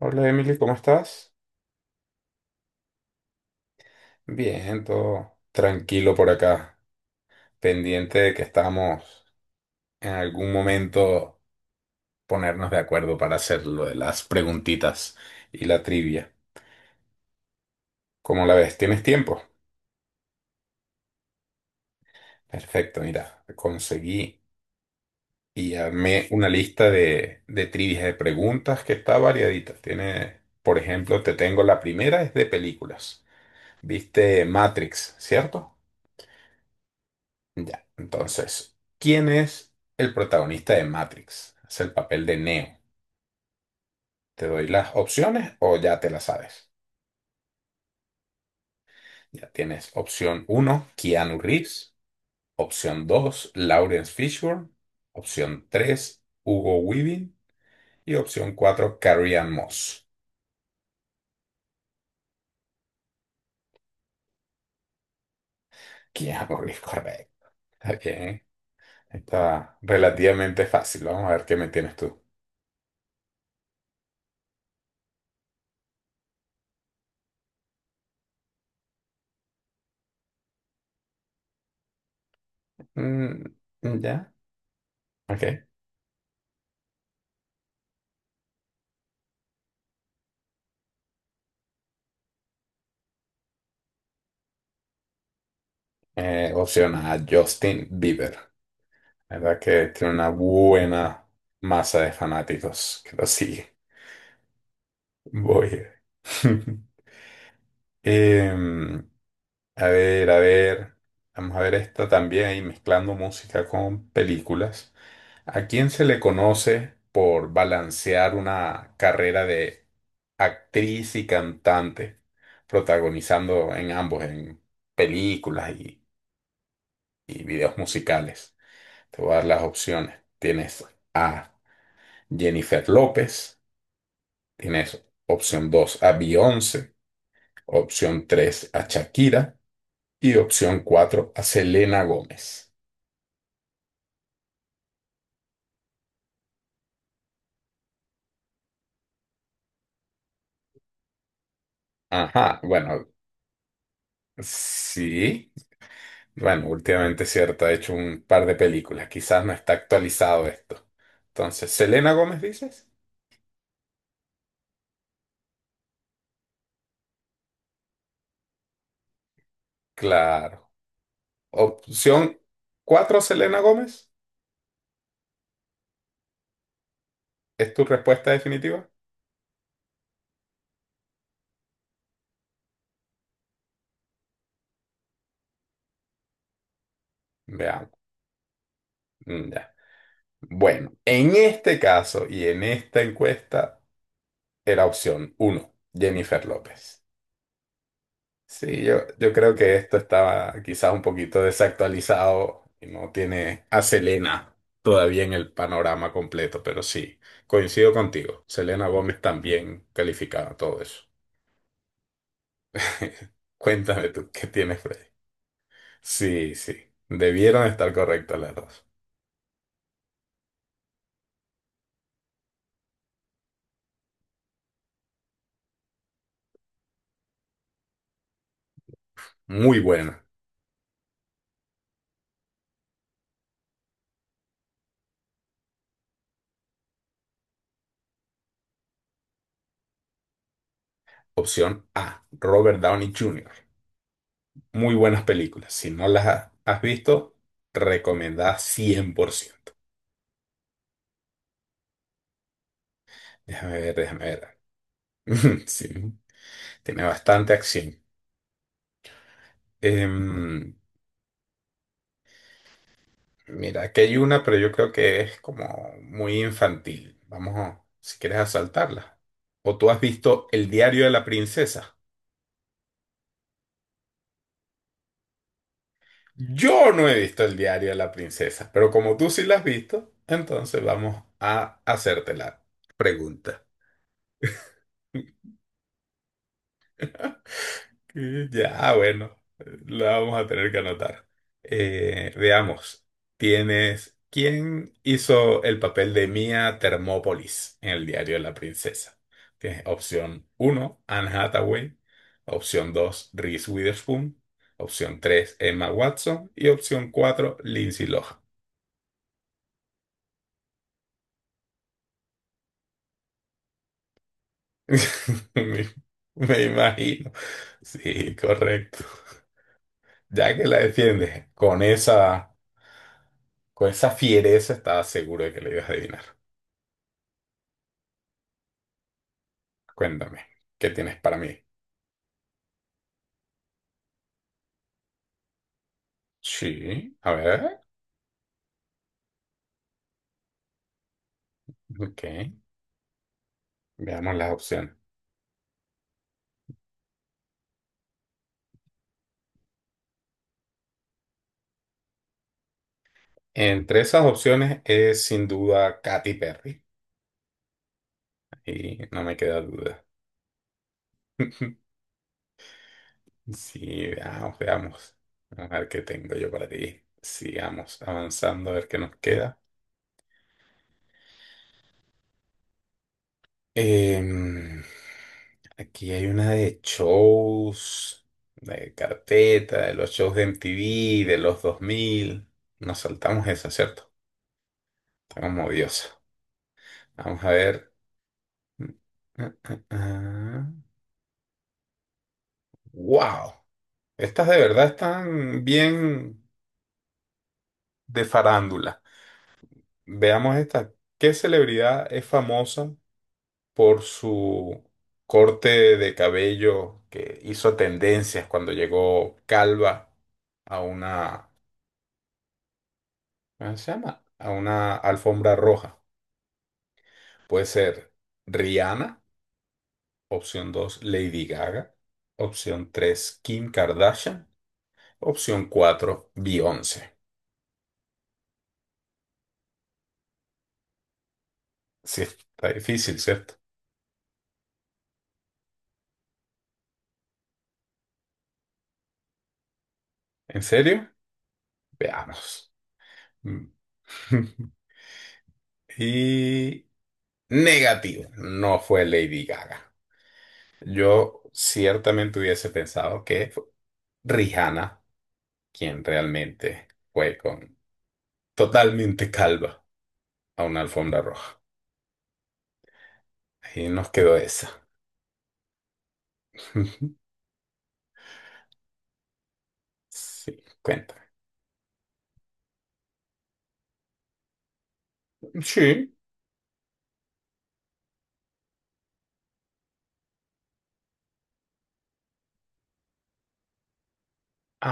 Hola Emily, ¿cómo estás? Bien, todo tranquilo por acá, pendiente de que estamos en algún momento ponernos de acuerdo para hacer lo de las preguntitas y la trivia. ¿Cómo la ves? ¿Tienes tiempo? Perfecto, mira, conseguí y armé una lista de trivias de preguntas que está variadita. Tiene, por ejemplo, te tengo la primera, es de películas. ¿Viste Matrix, cierto? Ya, entonces, ¿quién es el protagonista de Matrix? Es el papel de Neo. ¿Te doy las opciones o ya te las sabes? Ya tienes opción uno, Keanu Reeves. Opción 2, Lawrence Fishburne. Opción 3, Hugo Weaving. Y opción 4, Carrie Ann Moss. Keanu Reeves, correcto. Está bien. Está relativamente fácil. Vamos a ver qué me tienes tú. Mm, ya, ok. Opción A, Justin Bieber. La verdad que tiene una buena masa de fanáticos que lo sigue. Voy. Em, a ver, a ver. Vamos a ver esta también ahí mezclando música con películas. ¿A quién se le conoce por balancear una carrera de actriz y cantante, protagonizando en ambos, en películas y videos musicales? Te voy a dar las opciones. Tienes a Jennifer López. Tienes opción 2 a Beyoncé, opción 3 a Shakira y opción 4 a Selena Gómez. Ajá, bueno, sí. Bueno, últimamente cierto, ha hecho un par de películas. Quizás no está actualizado esto. Entonces, ¿Selena Gómez dices? Claro. Opción 4, Selena Gómez. ¿Es tu respuesta definitiva? Veamos. Mm, ya. Bueno, en este caso y en esta encuesta era opción uno, Jennifer López. Sí, yo creo que esto estaba quizás un poquito desactualizado y no tiene a Selena todavía en el panorama completo, pero sí, coincido contigo. Selena Gómez también calificaba todo eso. Cuéntame tú, ¿qué tienes, Freddy? Sí, sí, debieron estar correctas las dos. Muy buena. Opción A, Robert Downey Jr. Muy buenas películas. Si no las has visto, recomendada ciento. Déjame ver, déjame ver. Sí. Tiene bastante acción. Em, Mira, aquí hay una, pero yo creo que es como muy infantil. Vamos, si quieres asaltarla. ¿O tú has visto El diario de la princesa? Yo no he visto El diario de la princesa, pero como tú sí la has visto, entonces vamos a hacerte la pregunta. Ya, bueno, la vamos a tener que anotar. Veamos, tienes, ¿quién hizo el papel de Mia Thermopolis en el diario de la princesa? Tienes opción uno, Anne Hathaway, opción 2, Reese Witherspoon, opción 3, Emma Watson y opción 4, Lindsay Lohan. Me, me imagino. Sí, correcto. Ya que la defiendes con esa... Con esa fiereza estaba seguro de que le ibas a adivinar. Cuéntame, ¿qué tienes para mí? Sí, a ver, ok. Veamos las opciones. Entre esas opciones es sin duda Katy Perry. Y no me queda duda. Sí, veamos, veamos. A ver qué tengo yo para ti. Sigamos avanzando a ver qué nos queda. Em, Aquí hay una de shows, de carpeta, de los shows de MTV, de los 2000. Nos saltamos esa, ¿cierto? Está como odiosa. Vamos a ver. ¡Wow! Estas de verdad están bien de farándula. Veamos esta. ¿Qué celebridad es famosa por su corte de cabello que hizo tendencias cuando llegó calva a una, ¿cómo se llama? A una alfombra roja. Puede ser Rihanna, opción 2 Lady Gaga, opción 3 Kim Kardashian, opción 4 Beyoncé. Sí, está difícil, ¿cierto? ¿En serio? Veamos. Y negativo, no fue Lady Gaga. Yo ciertamente hubiese pensado que fue Rihanna quien realmente fue con totalmente calva a una alfombra roja. Y nos quedó esa. Sí, cuenta. Sí.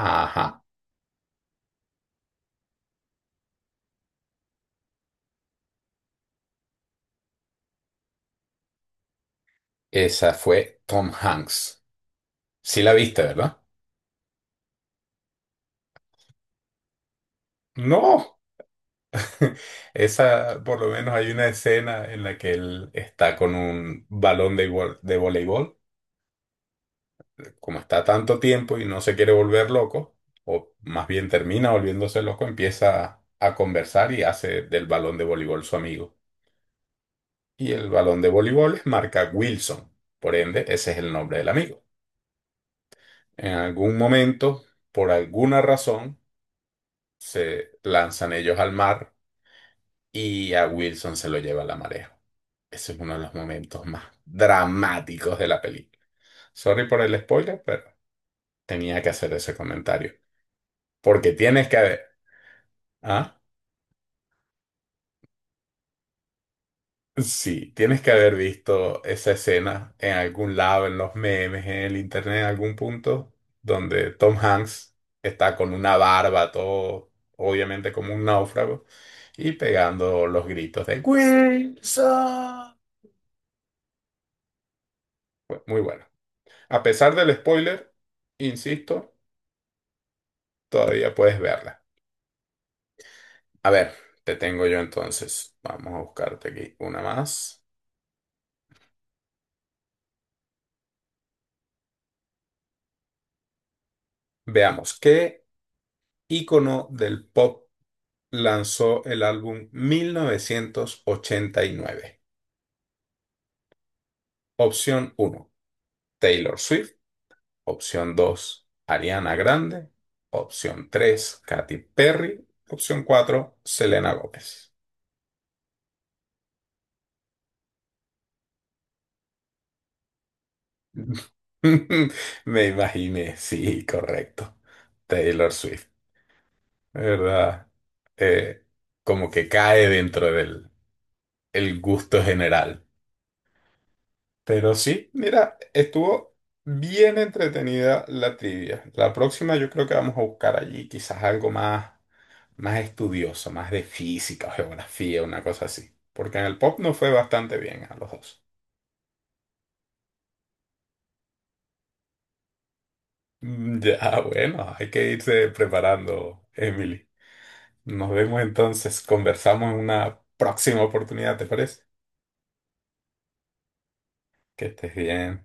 Ajá. Esa fue Tom Hanks. Sí la viste, ¿verdad? No. Esa, por lo menos hay una escena en la que él está con un balón de, de voleibol como está tanto tiempo y no se quiere volver loco, o más bien termina volviéndose loco, empieza a conversar y hace del balón de voleibol su amigo. Y el balón de voleibol es marca Wilson, por ende, ese es el nombre del amigo. En algún momento, por alguna razón, se lanzan ellos al mar y a Wilson se lo lleva la marea. Ese es uno de los momentos más dramáticos de la película. Sorry por el spoiler, pero tenía que hacer ese comentario. Porque tienes que ver. ¿Ah? Sí, tienes que haber visto esa escena en algún lado, en los memes, en el internet, en algún punto, donde Tom Hanks está con una barba, todo obviamente como un náufrago, y pegando los gritos de Wilson. Fue muy bueno. A pesar del spoiler, insisto, todavía puedes verla. A ver, te tengo yo entonces. Vamos a buscarte aquí una más. Veamos, ¿qué ícono del pop lanzó el álbum 1989? Opción uno, Taylor Swift. Opción 2, Ariana Grande. Opción 3, Katy Perry. Opción 4, Selena Gómez. Me imaginé, sí, correcto. Taylor Swift, ¿verdad? Eh, Como que cae dentro del el gusto general. Pero sí, mira, estuvo bien entretenida la trivia. La próxima yo creo que vamos a buscar allí quizás algo más, más estudioso, más de física o geografía, una cosa así. Porque en el pop nos fue bastante bien a los dos. Mm, ya, bueno, hay que irse preparando, Emily. Nos vemos entonces, conversamos en una próxima oportunidad, ¿te parece? Que estés bien.